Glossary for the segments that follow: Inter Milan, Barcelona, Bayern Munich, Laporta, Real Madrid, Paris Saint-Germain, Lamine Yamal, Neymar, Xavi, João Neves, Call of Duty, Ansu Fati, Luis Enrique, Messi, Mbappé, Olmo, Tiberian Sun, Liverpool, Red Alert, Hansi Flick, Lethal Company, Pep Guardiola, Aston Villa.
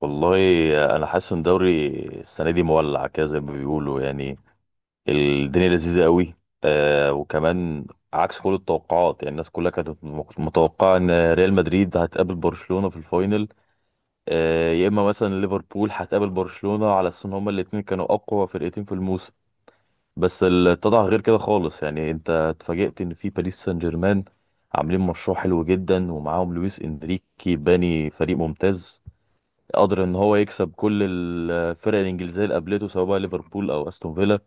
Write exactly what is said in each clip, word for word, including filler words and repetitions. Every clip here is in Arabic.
والله، انا حاسس ان دوري السنه دي مولع كده زي ما بيقولوا، يعني الدنيا لذيذه قوي. آه وكمان عكس كل التوقعات. يعني الناس كلها كانت متوقعه ان ريال مدريد هتقابل برشلونه في الفاينل، آه يا اما مثلا ليفربول هتقابل برشلونه، على اساس ان هما الاتنين كانوا اقوى فرقتين في الموسم. بس اللي اتضح غير كده خالص. يعني انت اتفاجئت ان في باريس سان جيرمان عاملين مشروع حلو جدا، ومعاهم لويس انريكي باني فريق ممتاز، قدر ان هو يكسب كل الفرق الانجليزيه اللي قابلته، سواء بقى ليفربول او استون فيلا،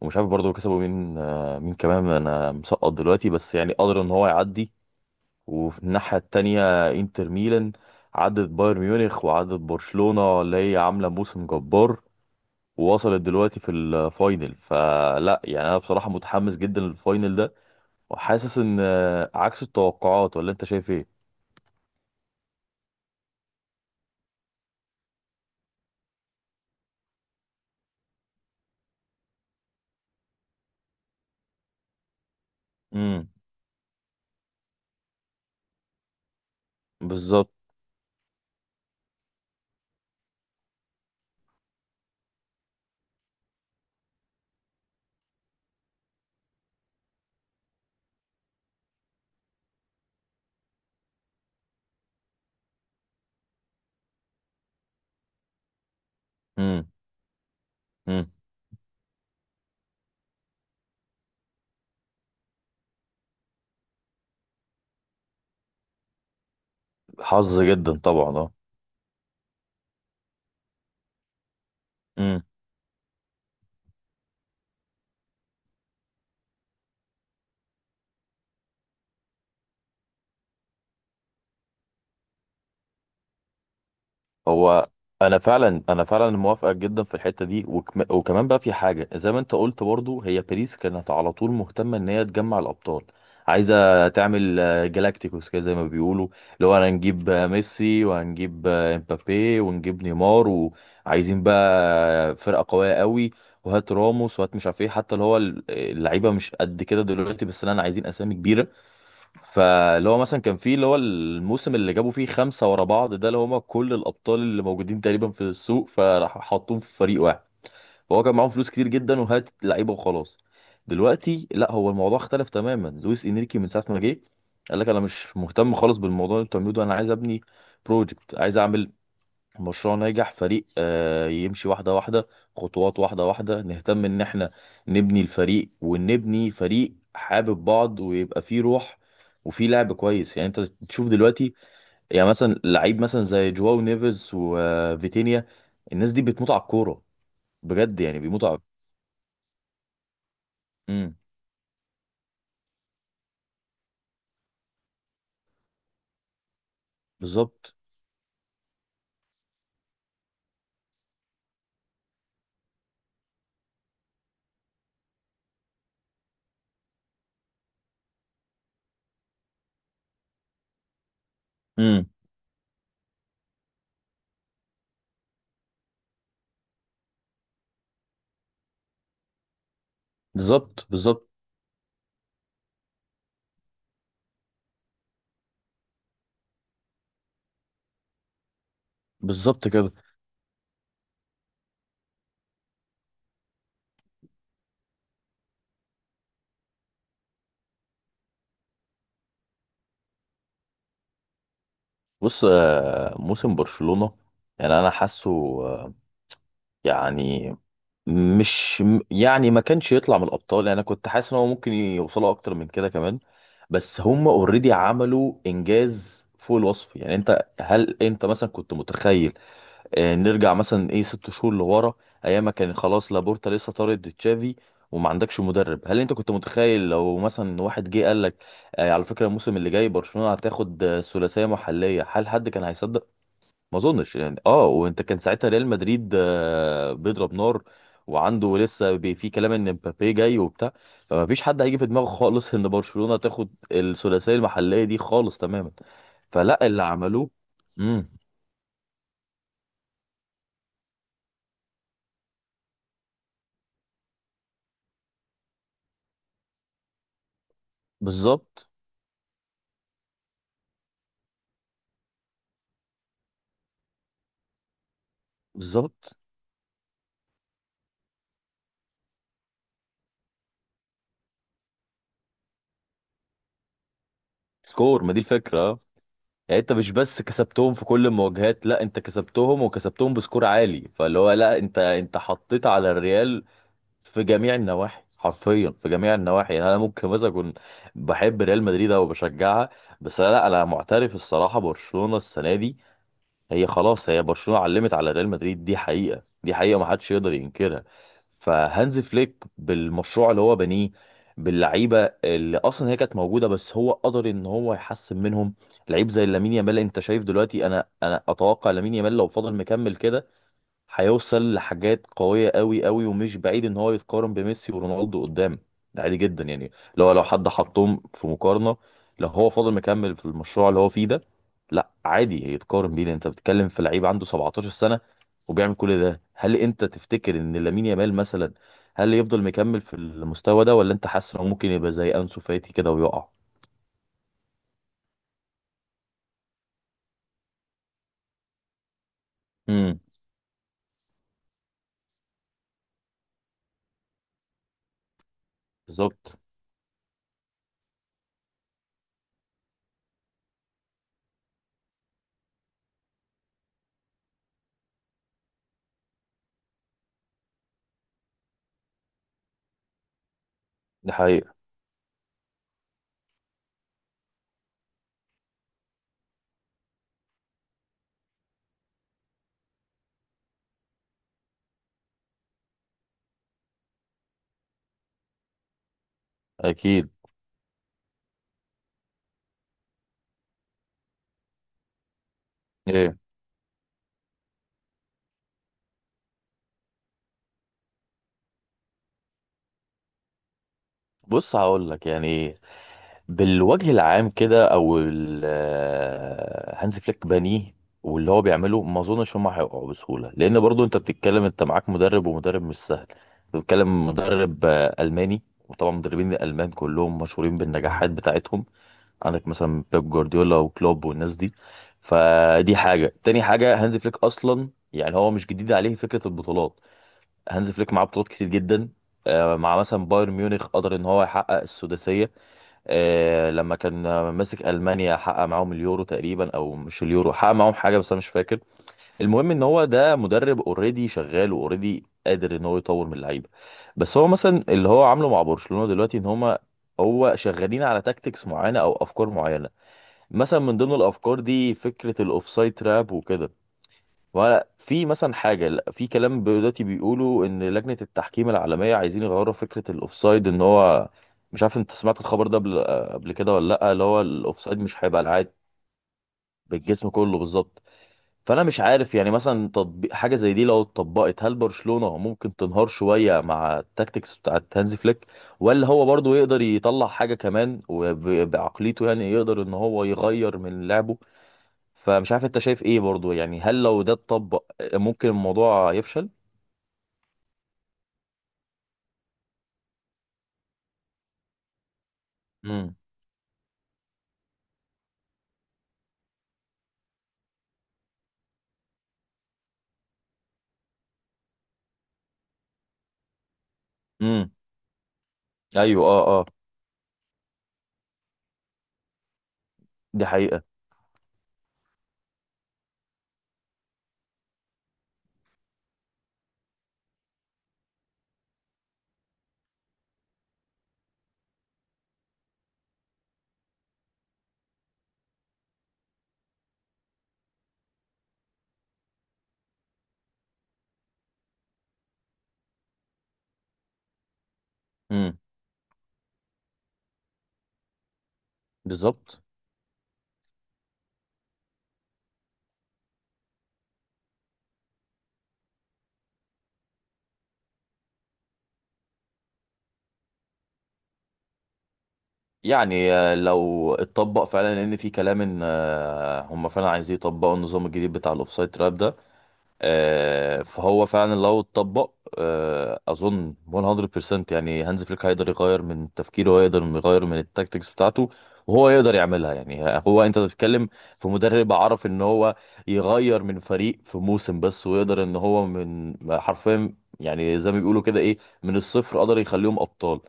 ومش عارف برضه كسبوا مين، آه، مين كمان انا مسقط دلوقتي. بس يعني قدر ان هو يعدي. وفي الناحيه التانيه انتر ميلان عدت بايرن ميونخ، وعدت برشلونه اللي هي عامله موسم جبار، ووصلت دلوقتي في الفاينل. فلا يعني انا بصراحه متحمس جدا للفاينل ده، وحاسس ان آه، عكس التوقعات. ولا انت شايف ايه؟ امم. بالظبط. امم. امم. حظ جدا طبعا. اه. هو انا فعلا، انا فعلا موافقك جدا في الحته دي، وكم- وكمان بقى في حاجه زي ما انت قلت برضو: هي باريس كانت على طول مهتمه ان هي تجمع الابطال. عايزه تعمل آه، جالاكتيكوس كده زي ما بيقولوا، اللي هو انا هنجيب آه، ميسي، وهنجيب آه، امبابي، ونجيب نيمار، وعايزين بقى آه، فرقه قويه قوي، وهات راموس، وهات مش عارف ايه، حتى اللي هو ال- اللعيبه مش قد كده دلوقتي، بس انا عايزين اسامي كبيره. فاللي هو مثلا كان فيه، اللي هو الموسم اللي جابوا فيه خمسة ورا بعض ده، اللي هما كل الأبطال اللي موجودين تقريبا في السوق، فراح حطوهم في فريق واحد. فهو كان معاهم فلوس كتير جدا، وهات لعيبة وخلاص. دلوقتي لا، هو الموضوع اختلف تماما. لويس إنريكي من ساعة ما جه قال لك: أنا مش مهتم خالص بالموضوع اللي انتوا بتعملوه ده، أنا عايز أبني بروجكت، عايز أعمل مشروع ناجح، فريق آه، يمشي واحدة واحدة، خطوات واحدة واحدة، نهتم ان احنا نبني الفريق، ونبني فريق حابب بعض ويبقى فيه روح، وفيه لعب كويس. يعني انت تشوف دلوقتي، يعني مثلا لعيب مثلا زي جواو نيفيز وفيتينيا، الناس دي بتموت على الكورة، بجد يعني بيموتوا على... امم. بالظبط. امم. بالظبط. بالظبط، بالظبط كده. بص، آه، موسم برشلونة يعني انا حاسه آه، يعني مش م- يعني ما كانش يطلع من الابطال. يعني انا كنت حاسس ان هو ممكن يوصلوا اكتر من كده كمان. بس هم اوريدي عملوا انجاز فوق الوصف. يعني انت، هل انت مثلا كنت متخيل، آه، نرجع مثلا ايه ست شهور لورا، ايام ما كان خلاص لابورتا لسه طارد تشافي وما عندكش مدرب، هل انت كنت متخيل لو مثلا واحد جه قال لك آه، على فكرة الموسم اللي جاي برشلونة هتاخد آه، ثلاثية محلية، هل حد كان هيصدق؟ ما اظنش يعني. اه، وانت كان ساعتها ريال مدريد آه، بيضرب نار، وعنده لسه بي- في كلام ان مبابي جاي وبتاع. فما فيش حد هيجي في دماغه خالص ان برشلونة تاخد الثلاثية المحلية دي خالص تماما. فلا، اللي عملوه... امم. بالظبط، بالظبط. سكور، ما دي الفكرة. آه. يعني انت مش بس كسبتهم في كل المواجهات، لا، انت كسبتهم، وكسبتهم بسكور عالي. فاللي هو لا، انت انت حطيت على الريال في جميع النواحي، حرفيا في جميع النواحي. يعني انا ممكن مثلا اكون بحب ريال مدريد او بشجعها، بس انا لا، انا معترف الصراحه برشلونه السنه دي هي خلاص، هي برشلونه علمت على ريال مدريد. دي حقيقه، دي حقيقه، ما حدش يقدر ينكرها. فهانز فليك بالمشروع اللي هو بنيه، باللعيبه اللي اصلا هي كانت موجوده، بس هو قدر ان هو يحسن منهم. لعيب زي لامين يامال، انت شايف دلوقتي، انا انا اتوقع لامين يامال لو فضل مكمل كده هيوصل لحاجات قوية، قوي قوي، ومش بعيد ان هو يتقارن بميسي ورونالدو قدام. ده عادي جدا يعني، لو لو حد حطهم في مقارنة، لو هو فاضل مكمل في المشروع اللي هو فيه ده، لا، عادي يتقارن بيه، لان انت بتتكلم في لعيب عنده 17 سنة وبيعمل كل ده. هل انت تفتكر ان لامين يامال مثلا، هل يفضل مكمل في المستوى ده، ولا انت حاسس انه ممكن يبقى زي انسو فاتي كده ويقع؟ امم. بالظبط. دي حقيقة. اكيد. ايه. بص هقول لك يعني، بالوجه العام كده، او ال- آه، هانز فليك بانيه، واللي هو بيعمله ما اظنش هم هيقعوا بسهوله، لان برضو انت بتتكلم، انت معاك مدرب، ومدرب مش سهل. أنت بتتكلم مدرب آه، الماني، وطبعا مدربين الالمان كلهم مشهورين بالنجاحات بتاعتهم. عندك مثلا بيب جوارديولا وكلوب والناس دي. فدي حاجه، تاني حاجه: هانز فليك اصلا يعني هو مش جديد عليه فكره البطولات، هانز فليك معاه بطولات كتير جدا، آه، مع مثلا بايرن ميونخ قدر ان هو يحقق السداسيه، آه، لما كان ماسك المانيا حقق معاهم اليورو تقريبا، او مش اليورو حقق معاهم حاجه بس انا مش فاكر. المهم ان هو ده مدرب اوريدي شغال، واوريدي قادر ان هو يطور من اللعيبه. بس هو مثلا اللي هو عامله مع برشلونه دلوقتي ان هما، هو شغالين على تاكتكس معينه او افكار معينه. مثلا من ضمن الافكار دي فكره الاوفسايد تراب وكده. وفي مثلا حاجة، لا، في كلام دلوقتي بيقولوا إن لجنة التحكيم العالمية عايزين يغيروا فكرة الأوفسايد، إن هو مش عارف أنت سمعت الخبر ده قبل، قبل كده ولا لأ. اللي هو الأوفسايد مش هيبقى العاد... بالجسم كله، بالظبط. فأنا مش عارف يعني مثلا تطبيق حاجة زي دي، لو اتطبقت هل برشلونة ممكن تنهار شوية مع التاكتكس بتاعة هانزي فليك، ولا هو برضه يقدر يطلع حاجة كمان وبعقليته يعني يقدر إن هو يغير من لعبه؟ فمش عارف انت شايف ايه برضو يعني. هل لو ده اتطبق ممكن الموضوع يفشل؟ امم. امم. ايوه. اه. اه. دي حقيقة. امم. بالظبط. يعني آه، لو اتطبق فعلا، لان في كلام ان آه، هم فعلا عايزين يطبقوا النظام الجديد بتاع الاوفسايد تراب ده، آه، فهو فعلا لو اتطبق آه، اظن ميه في الميه يعني هانز فليك هيقدر يغير من تفكيره، ويقدر يغير من التاكتكس بتاعته، وهو يقدر يعملها. يعني هو انت بتتكلم في مدرب عرف ان هو يغير من فريق في موسم بس، ويقدر ان هو من حرفيا يعني زي ما بيقولوا كده ايه، من الصفر قدر يخليهم ابطال.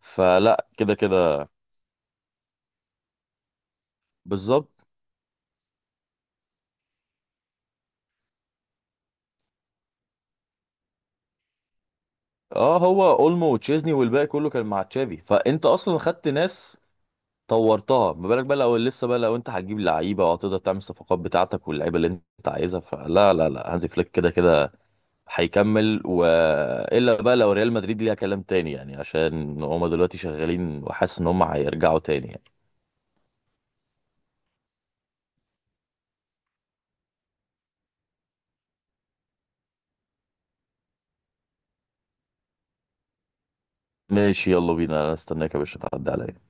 فلا كده كده، بالظبط. اه، هو اولمو وتشيزني والباقي كله كان مع تشافي، فانت اصلا خدت ناس طورتها. ما بالك بقى لو لسه، بقى لو انت هتجيب لعيبه وهتقدر تعمل الصفقات بتاعتك واللعيبه اللي انت عايزها. فلا لا لا، هانزي فليك كده كده هيكمل. والا بقى لو ريال مدريد ليها كلام تاني يعني، عشان هم دلوقتي شغالين، وحاسس ان هم هيرجعوا تاني يعني. ماشي، يلا بينا، انا استناك يا باشا تعدي عليا.